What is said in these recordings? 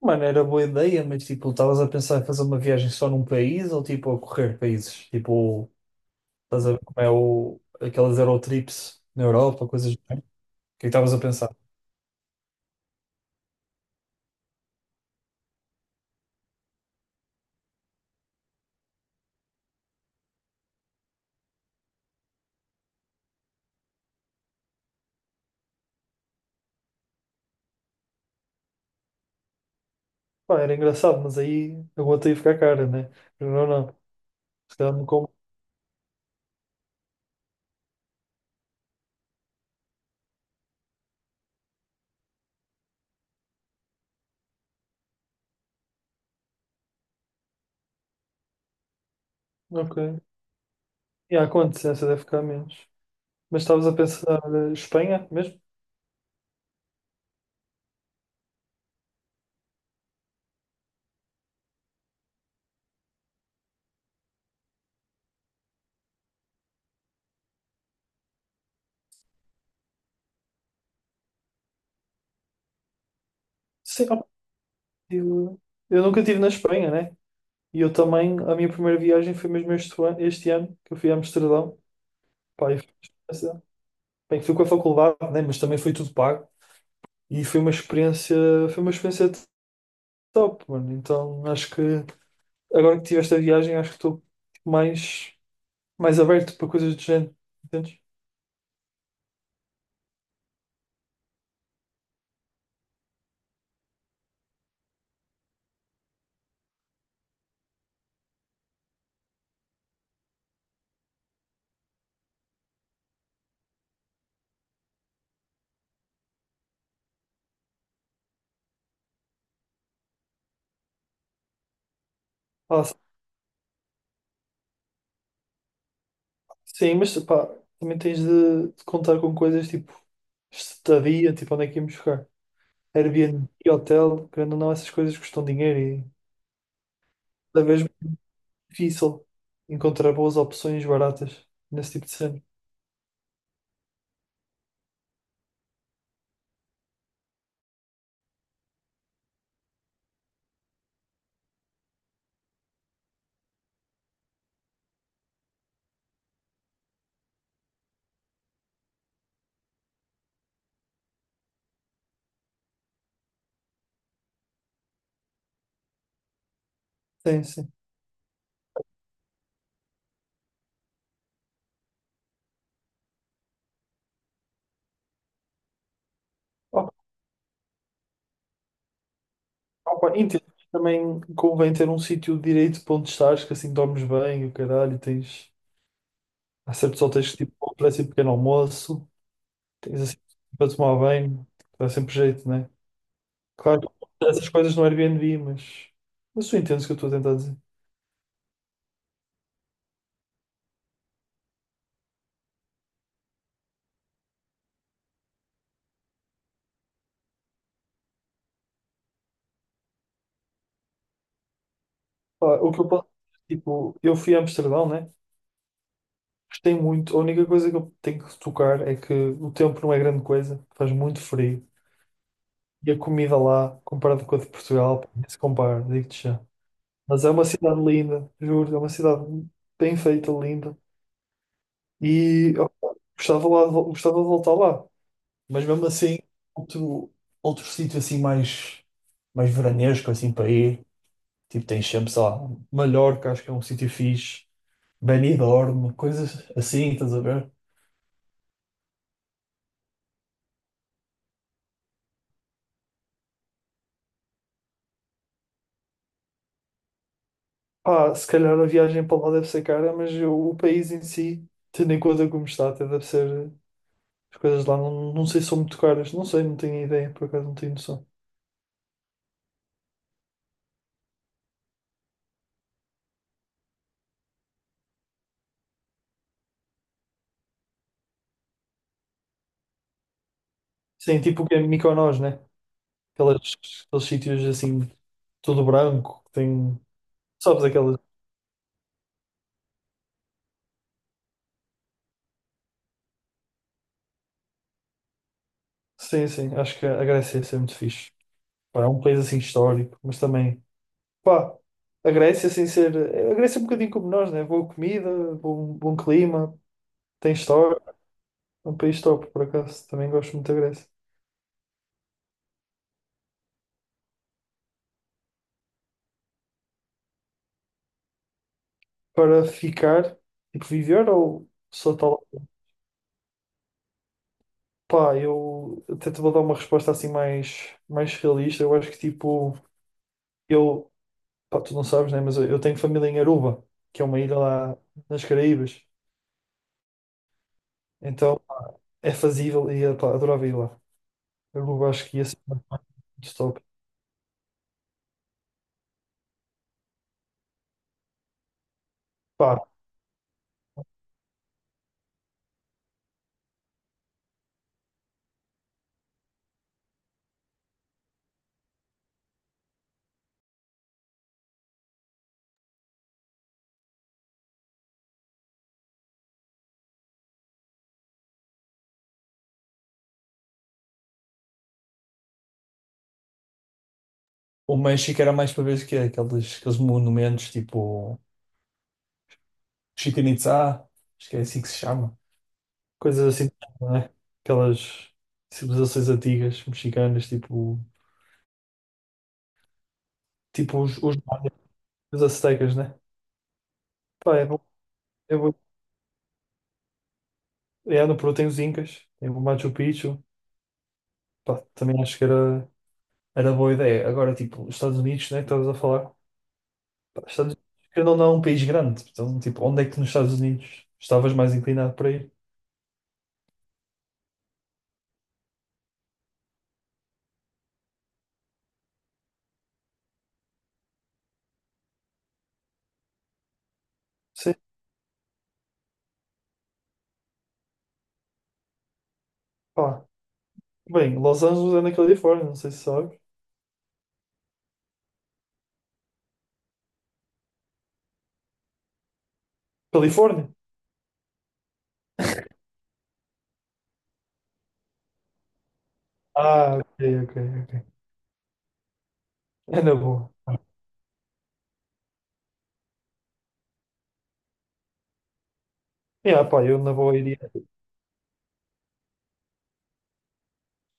Mano, era boa ideia, mas tipo, estavas a pensar em fazer uma viagem só num país ou tipo a correr países? Tipo, estás a ver como é aquelas Eurotrips na Europa, coisas do género? O que é que estavas a pensar? Pá, era engraçado, mas aí a gota ia ficar cara, né? Não, não. Se calhar me como. Ok. E há quanto? Essa deve ficar menos. Mas estavas a pensar Espanha mesmo? Sim, ó, eu, eu nunca estive na Espanha, né? E eu também, a minha primeira viagem foi mesmo este ano, que eu fui a Amsterdão. Pá, experiência- Bem, fui com a faculdade, né? Mas também foi tudo pago. E foi uma experiência top, mano. Então acho que agora que tive esta viagem, acho que estou mais, mais aberto para coisas do género, entendes? Pá, sim, mas pá, também tens de contar com coisas tipo estadia, tipo onde é que íamos ficar. Airbnb, hotel, querendo ou não, essas coisas custam dinheiro e cada vez difícil encontrar boas opções baratas nesse tipo de cena. Sim, sim. Opa, opa, entendo. Também convém ter um sítio direito para onde estás, que assim dormes bem, o caralho, e tens. Há certos hotéis que tipo, oferecem pequeno almoço, tens assim para tomar bem, dá sempre jeito, né? Claro, que essas coisas no Airbnb, mas. Mas tu entendes o que eu estou a tentar dizer. Pá, o que eu posso. Tipo, eu fui a Amsterdão, né? Gostei muito. A única coisa que eu tenho que tocar é que o tempo não é grande coisa, faz muito frio. E a comida lá, comparado com a de Portugal, pá, nem se compara, digo-te já. Mas é uma cidade linda, juro, é uma cidade bem feita, linda. E ó, gostava lá, gostava de voltar lá. Mas mesmo assim, outro, outro sítio assim mais veranesco, assim para ir. Tipo, tens sempre, sei lá, Mallorca, acho que é um sítio fixe. Benidorm, coisas assim, estás a ver? Pá, se calhar a viagem para lá deve ser cara, mas o país em si, tendo em conta como está, até deve ser. As coisas lá não, não sei se são muito caras, não sei, não tenho ideia, por acaso não tenho noção. Sim, tipo o que é Mykonos, né? Aquelas, aqueles sítios assim, tudo branco, que tem. Sabes aquelas. Sim, sim, acho que a Grécia ia ser muito fixe. Pá, é um país assim histórico, mas também. Pá, a Grécia, sem ser. A Grécia é um bocadinho como nós, né? Boa comida, bom clima, tem história. É um país top, por acaso. Também gosto muito da Grécia. Para ficar, tipo, viver ou só tal? Pá, eu até te vou dar uma resposta assim mais realista. Eu acho que tipo, eu, pá, tu não sabes, né? Mas eu tenho família em Aruba, que é uma ilha lá nas Caraíbas. Então é fazível e pá, adorava ir lá. Aruba acho que ia ser muito top. Pá, o México era mais para ver o que é, aqueles monumentos tipo Chichen Itzá, acho que é assim que se chama. Coisas assim, não é? Aquelas civilizações antigas, mexicanas, tipo. Tipo os maias aztecas, né? Pá, é bom. É bom. É, no Peru tem os Incas, tem o Machu Picchu. Pá, também acho que era boa ideia. Agora, tipo, os Estados Unidos, né? Que estavas a falar. Pá, Estados Unidos, querendo ou não, é um país grande. Então, tipo, onde é que nos Estados Unidos estavas mais inclinado para ir? Sim, pá. Bem, Los Angeles é na Califórnia, não sei se sabes. Califórnia? Ah, ok, ok. Ok. É na boa. Yeah, pá, eu na boa iria.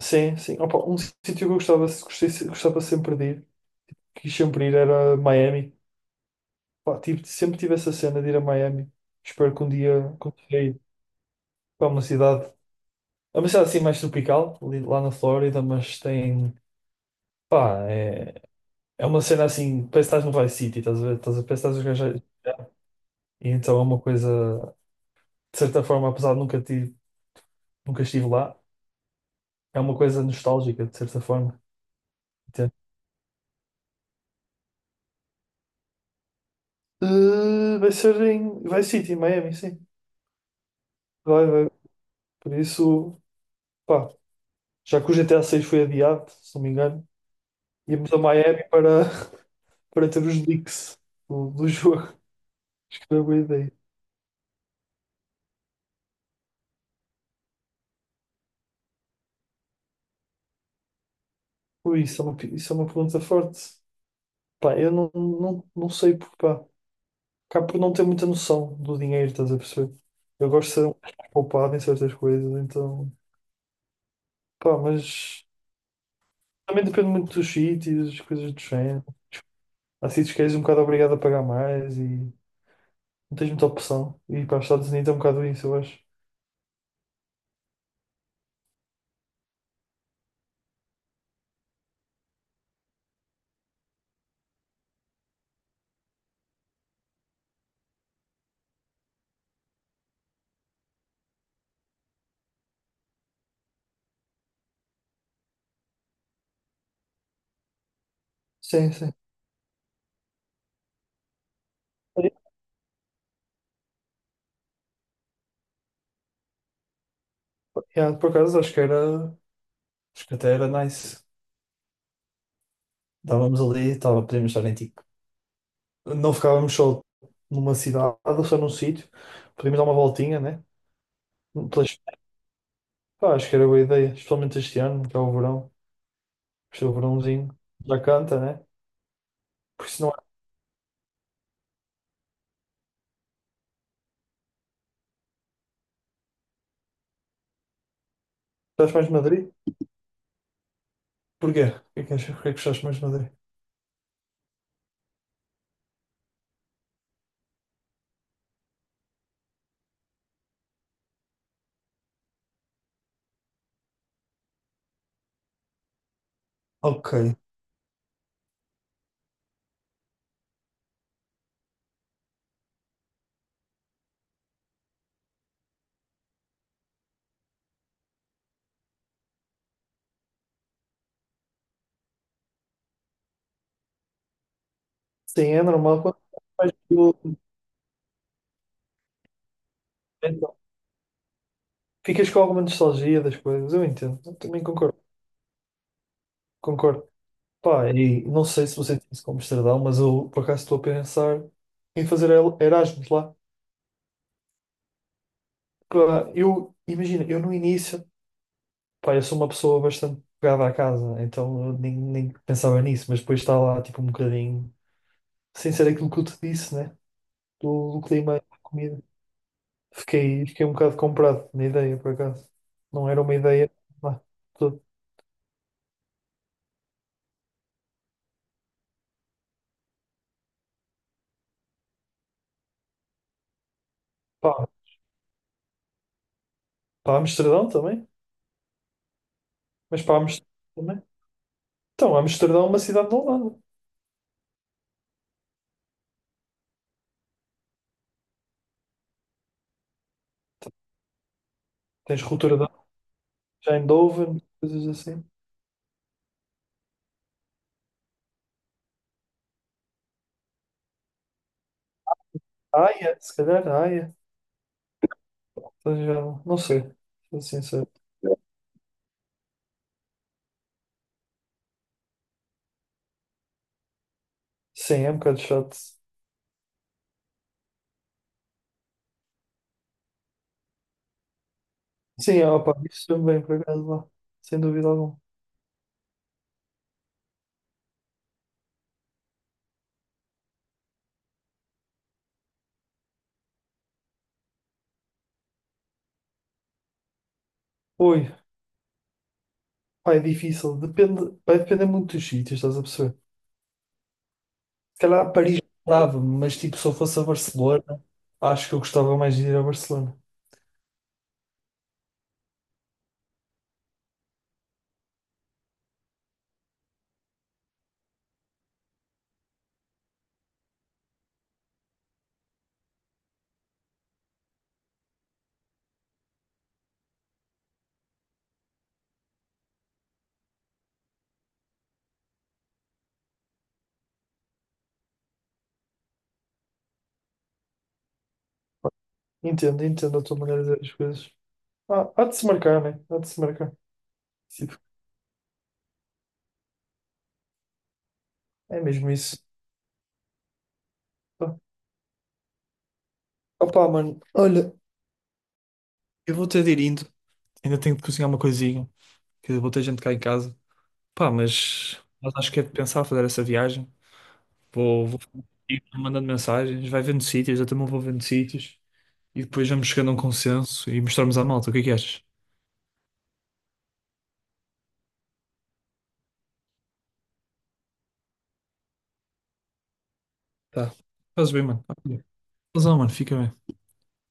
Sim, sim. Opa, um sítio que eu gostava sempre de ir, quis sempre ir, era Miami. Pá, sempre tive essa cena de ir a Miami. Espero que um dia consiga ir para uma cidade. É uma cidade assim mais tropical, ali, lá na Flórida, mas tem. Pá, é uma cena assim, parece que estás no Vice City, estás a ver? Parece que estás a viajar. E então é uma coisa, de certa forma, apesar de nunca estive lá, é uma coisa nostálgica, de certa forma. Vai ser em Vice City, em Miami, sim. Vai, vai. Por isso, pá, já que o GTA 6 foi adiado, se não me engano, íamos a Miami para, para ter os leaks do jogo. Acho que era boa ideia. Ui, isso é uma pergunta forte. Pá, eu não sei porque, pá, acabo por não ter muita noção do dinheiro, estás a perceber? Eu gosto de ser um pouco poupado em certas coisas, então, pá, mas também depende muito dos sítios, coisas do género. Há sítios que és um bocado obrigado a pagar mais e. Não tens muita opção. E para os Estados Unidos é um bocado isso, eu acho. Sim, sim. Yeah, por acaso, acho que era. Acho que até era nice. Estávamos ali, tava, podíamos estar em tipo. Não ficávamos só numa cidade ou só num sítio. Podíamos dar uma voltinha, né? Pelas. Pá, acho que era boa ideia, especialmente este ano, que é o verão. Este é o verãozinho. Já canta, né? Porque se não estás mais de Madrid? Porquê? O que é que achas? Porquê é que estás mais de Madrid? Ok. Sim, é normal. Quando faz aquilo, então, ficas com alguma nostalgia das coisas. Eu entendo. Eu também concordo. Concordo. Pá, e não sei se você tem isso como Amsterdão, mas eu por acaso estou a pensar em fazer Erasmus lá. Pá, eu, imagina, eu no início, pá, eu sou uma pessoa bastante pegada à casa, então eu nem pensava nisso, mas depois está lá, tipo, um bocadinho, sem ser aquilo que eu te disse, né? Do clima e da comida. Fiquei um bocado comprado na ideia, por acaso. Não era uma ideia. Lá, tudo. Pá, para Amsterdão também, mas para Amsterdão também. Então, Amsterdão é uma cidade da Holanda. Tens cultura Eindhoven, coisas assim. Haia, se calhar Haia. Então já não sei, sou sincero. Sim, é um bocado chato. Sim, opa, isso também, por acaso, lá. Sem dúvida alguma. Oi, pá, é difícil. Depende, vai depender muito dos sítios, estás a perceber? Se calhar Paris dava, mas tipo, se eu fosse a Barcelona, acho que eu gostava mais de ir a Barcelona. Entendo a tua maneira de ver as coisas. Ah, há de se marcar, né? Há de se marcar. Tipo, é mesmo isso. Opa, mano, olha, eu vou ter de ir indo. Ainda tenho de cozinhar uma coisinha, que vou ter gente cá em casa. Pá, mas acho que é de pensar fazer essa viagem. Vou ir mandando mensagens, vai vendo sítios, eu também vou vendo sítios. E depois vamos chegando a um consenso e mostrarmos à malta. O que é que achas? Tá. Fazes bem, mano. Ok. Fazão, mano. Fica bem.